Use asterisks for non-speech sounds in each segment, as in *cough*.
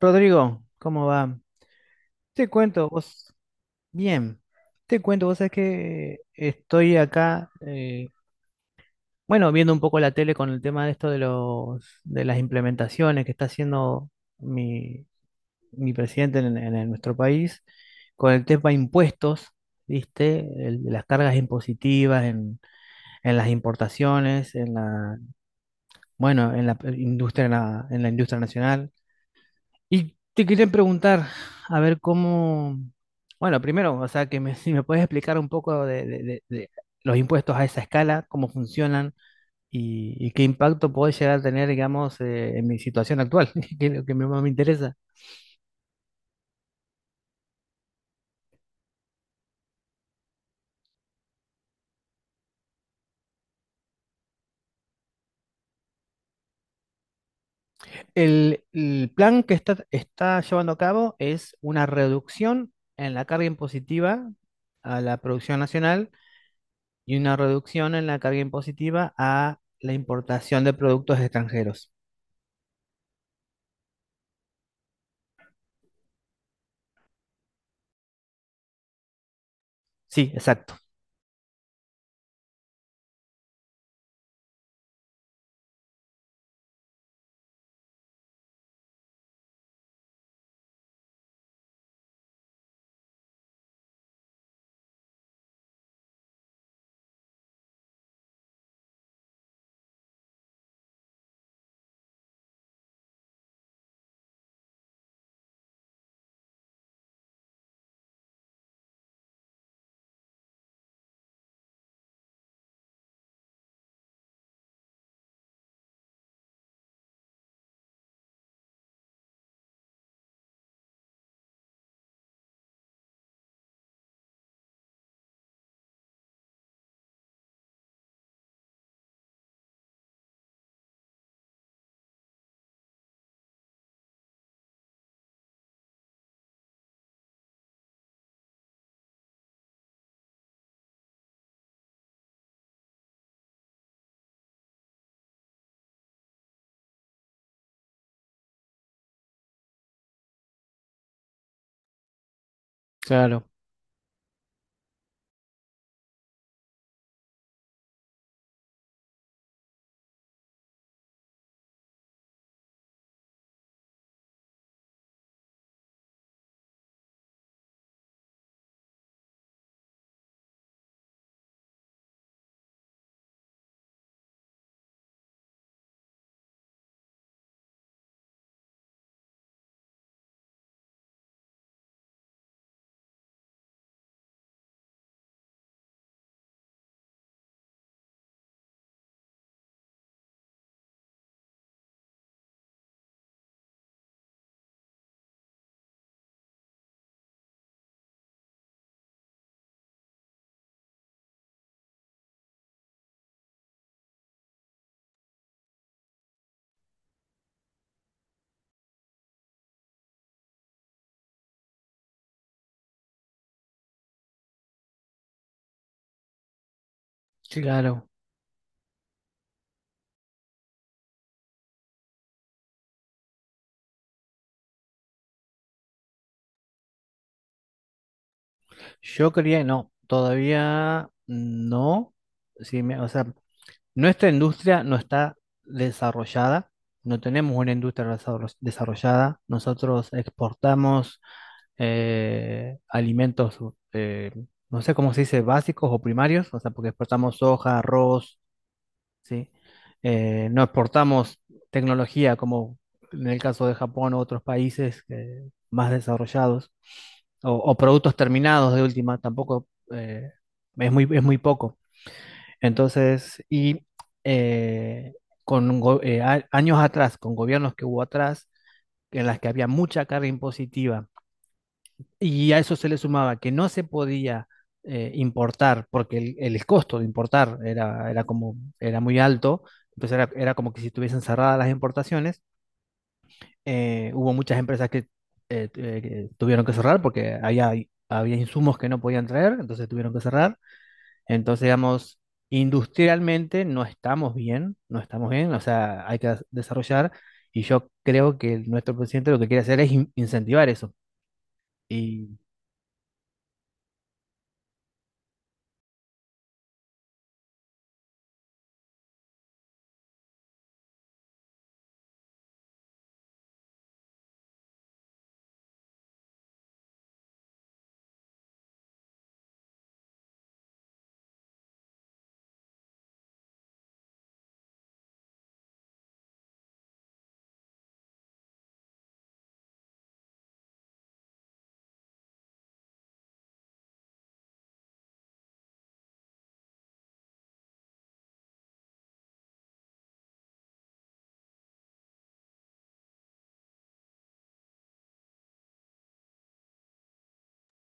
Rodrigo, ¿cómo va? Te cuento, vos, bien, te cuento, vos sabés que estoy acá, bueno, viendo un poco la tele con el tema de esto de las implementaciones que está haciendo mi, mi presidente en nuestro país, con el tema impuestos, ¿viste? Las cargas impositivas en las importaciones, bueno, en la industria, en la industria nacional. Y te quería preguntar, a ver cómo, bueno, primero, o sea, que me, *laughs* si me puedes explicar un poco de los impuestos a esa escala, cómo funcionan y qué impacto puede llegar a tener, digamos, en mi situación actual, *laughs* que es lo que me- más me interesa. El plan que está, está llevando a cabo es una reducción en la carga impositiva a la producción nacional y una reducción en la carga impositiva a la importación de productos extranjeros. Sí, exacto. Claro. Sí, claro, yo creía, no, todavía no. Sí, o sea, nuestra industria no está desarrollada, no tenemos una industria desarrollada. Nosotros exportamos alimentos, eh, no sé cómo se dice, básicos o primarios, o sea, porque exportamos soja, arroz, ¿sí? No exportamos tecnología como en el caso de Japón u otros países más desarrollados, productos terminados de última, tampoco es, muy, es muy poco. Entonces, eh, con años atrás, con gobiernos que hubo atrás, en las que había mucha carga impositiva y a eso se le sumaba que no se podía importar, porque el costo de importar era, era, como, era muy alto, entonces era, era como que si estuviesen cerradas las importaciones, hubo muchas empresas que tuvieron que cerrar porque había, había insumos que no podían traer, entonces tuvieron que cerrar. Entonces, digamos, industrialmente no estamos bien, no estamos bien, o sea, hay que desarrollar y yo creo que nuestro presidente lo que quiere hacer es incentivar eso. Y,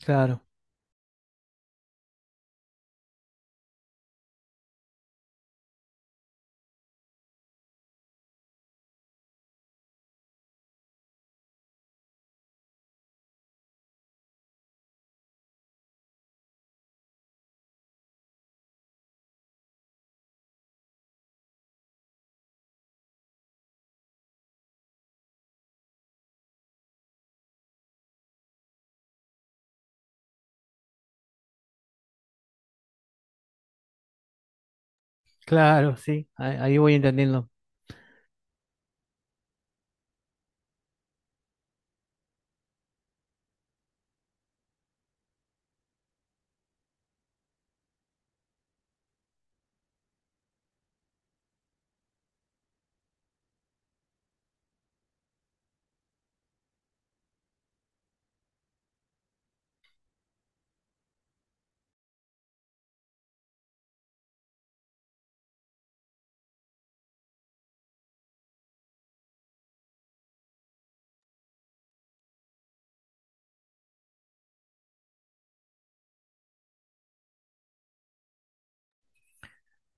claro. Claro, sí, ahí, ahí voy entendiendo.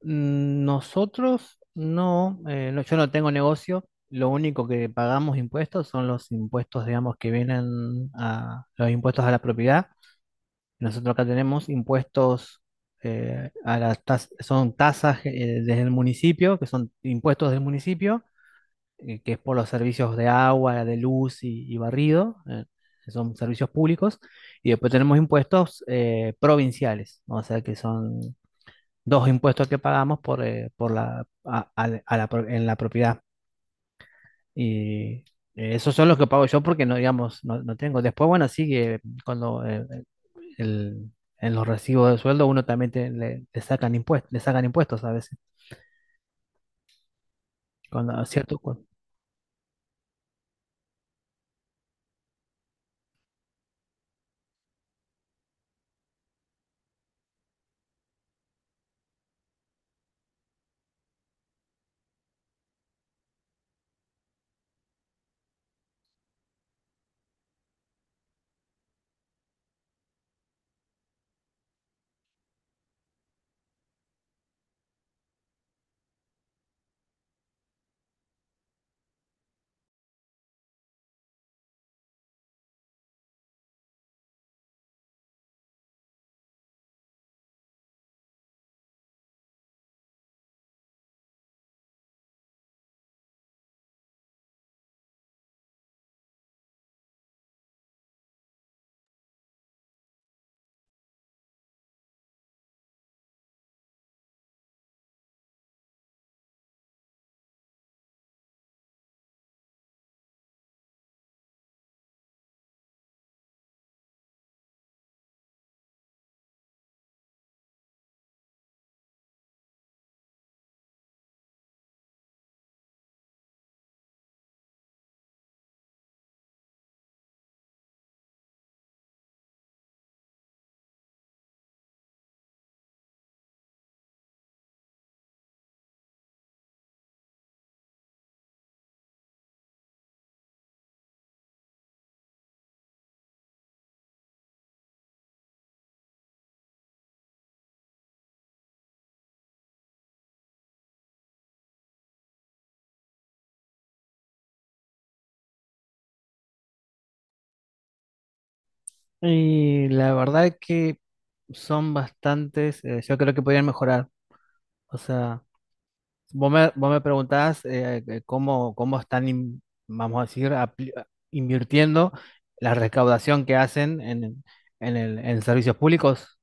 Mm, nosotros no, no, yo no tengo negocio, lo único que pagamos impuestos son los impuestos, digamos, que vienen a los impuestos a la propiedad. Nosotros acá tenemos impuestos a son tasas desde el municipio, que son impuestos del municipio, que es por los servicios de agua, de luz y barrido, que son servicios públicos. Y después tenemos impuestos provinciales, ¿no? O sea que son dos impuestos que pagamos por la, a en la propiedad. Y esos son los que pago yo porque no, digamos, no tengo. Después, bueno, sí, cuando eh, eh, el- en los recibos de sueldo uno también le sacan impuestos a veces, cuando, a cierto, y la verdad es que son bastantes, yo creo que podrían mejorar. O sea, vos me preguntabas cómo, cómo están, vamos a decir, invirtiendo la recaudación que hacen en servicios públicos.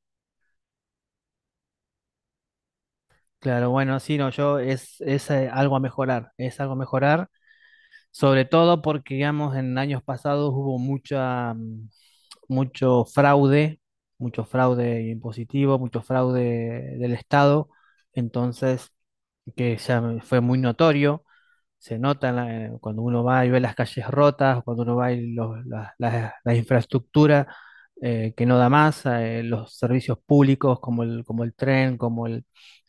Claro, bueno, sí, no, yo es algo a mejorar, es algo a mejorar, sobre todo porque, digamos, en años pasados hubo mucha, mucho fraude, mucho fraude impositivo, mucho fraude del Estado, entonces, que ya fue muy notorio se nota en cuando uno va y ve las calles rotas, cuando uno va y las la infraestructura que no da más, los servicios públicos como el tren, como el,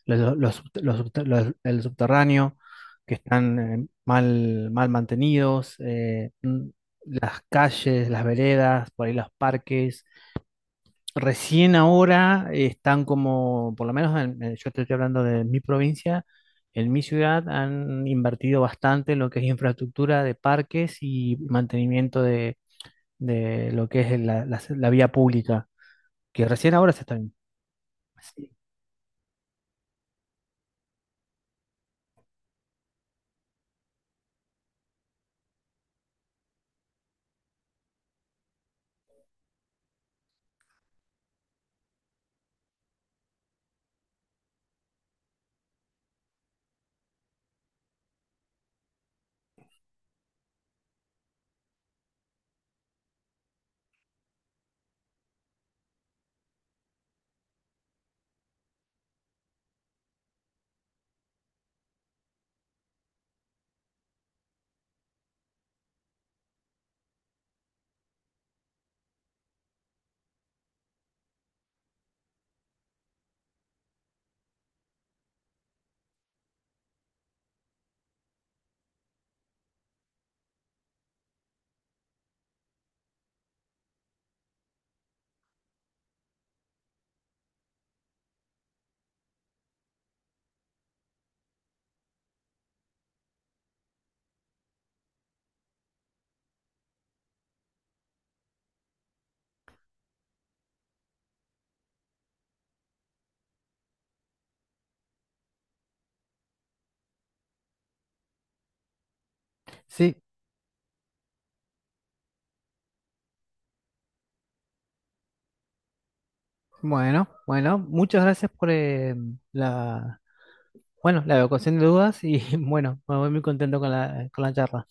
el subterráneo, que están mal, mal mantenidos, las calles, las veredas, por ahí los parques. Recién ahora están como, por lo menos yo te estoy hablando de mi provincia, en mi ciudad han invertido bastante en lo que es infraestructura de parques y mantenimiento de lo que es la vía pública, que recién ahora se están... Sí, sí, bueno, bueno, muchas gracias por la, bueno, la evacuación de dudas y *laughs* bueno, me voy muy contento con la charla.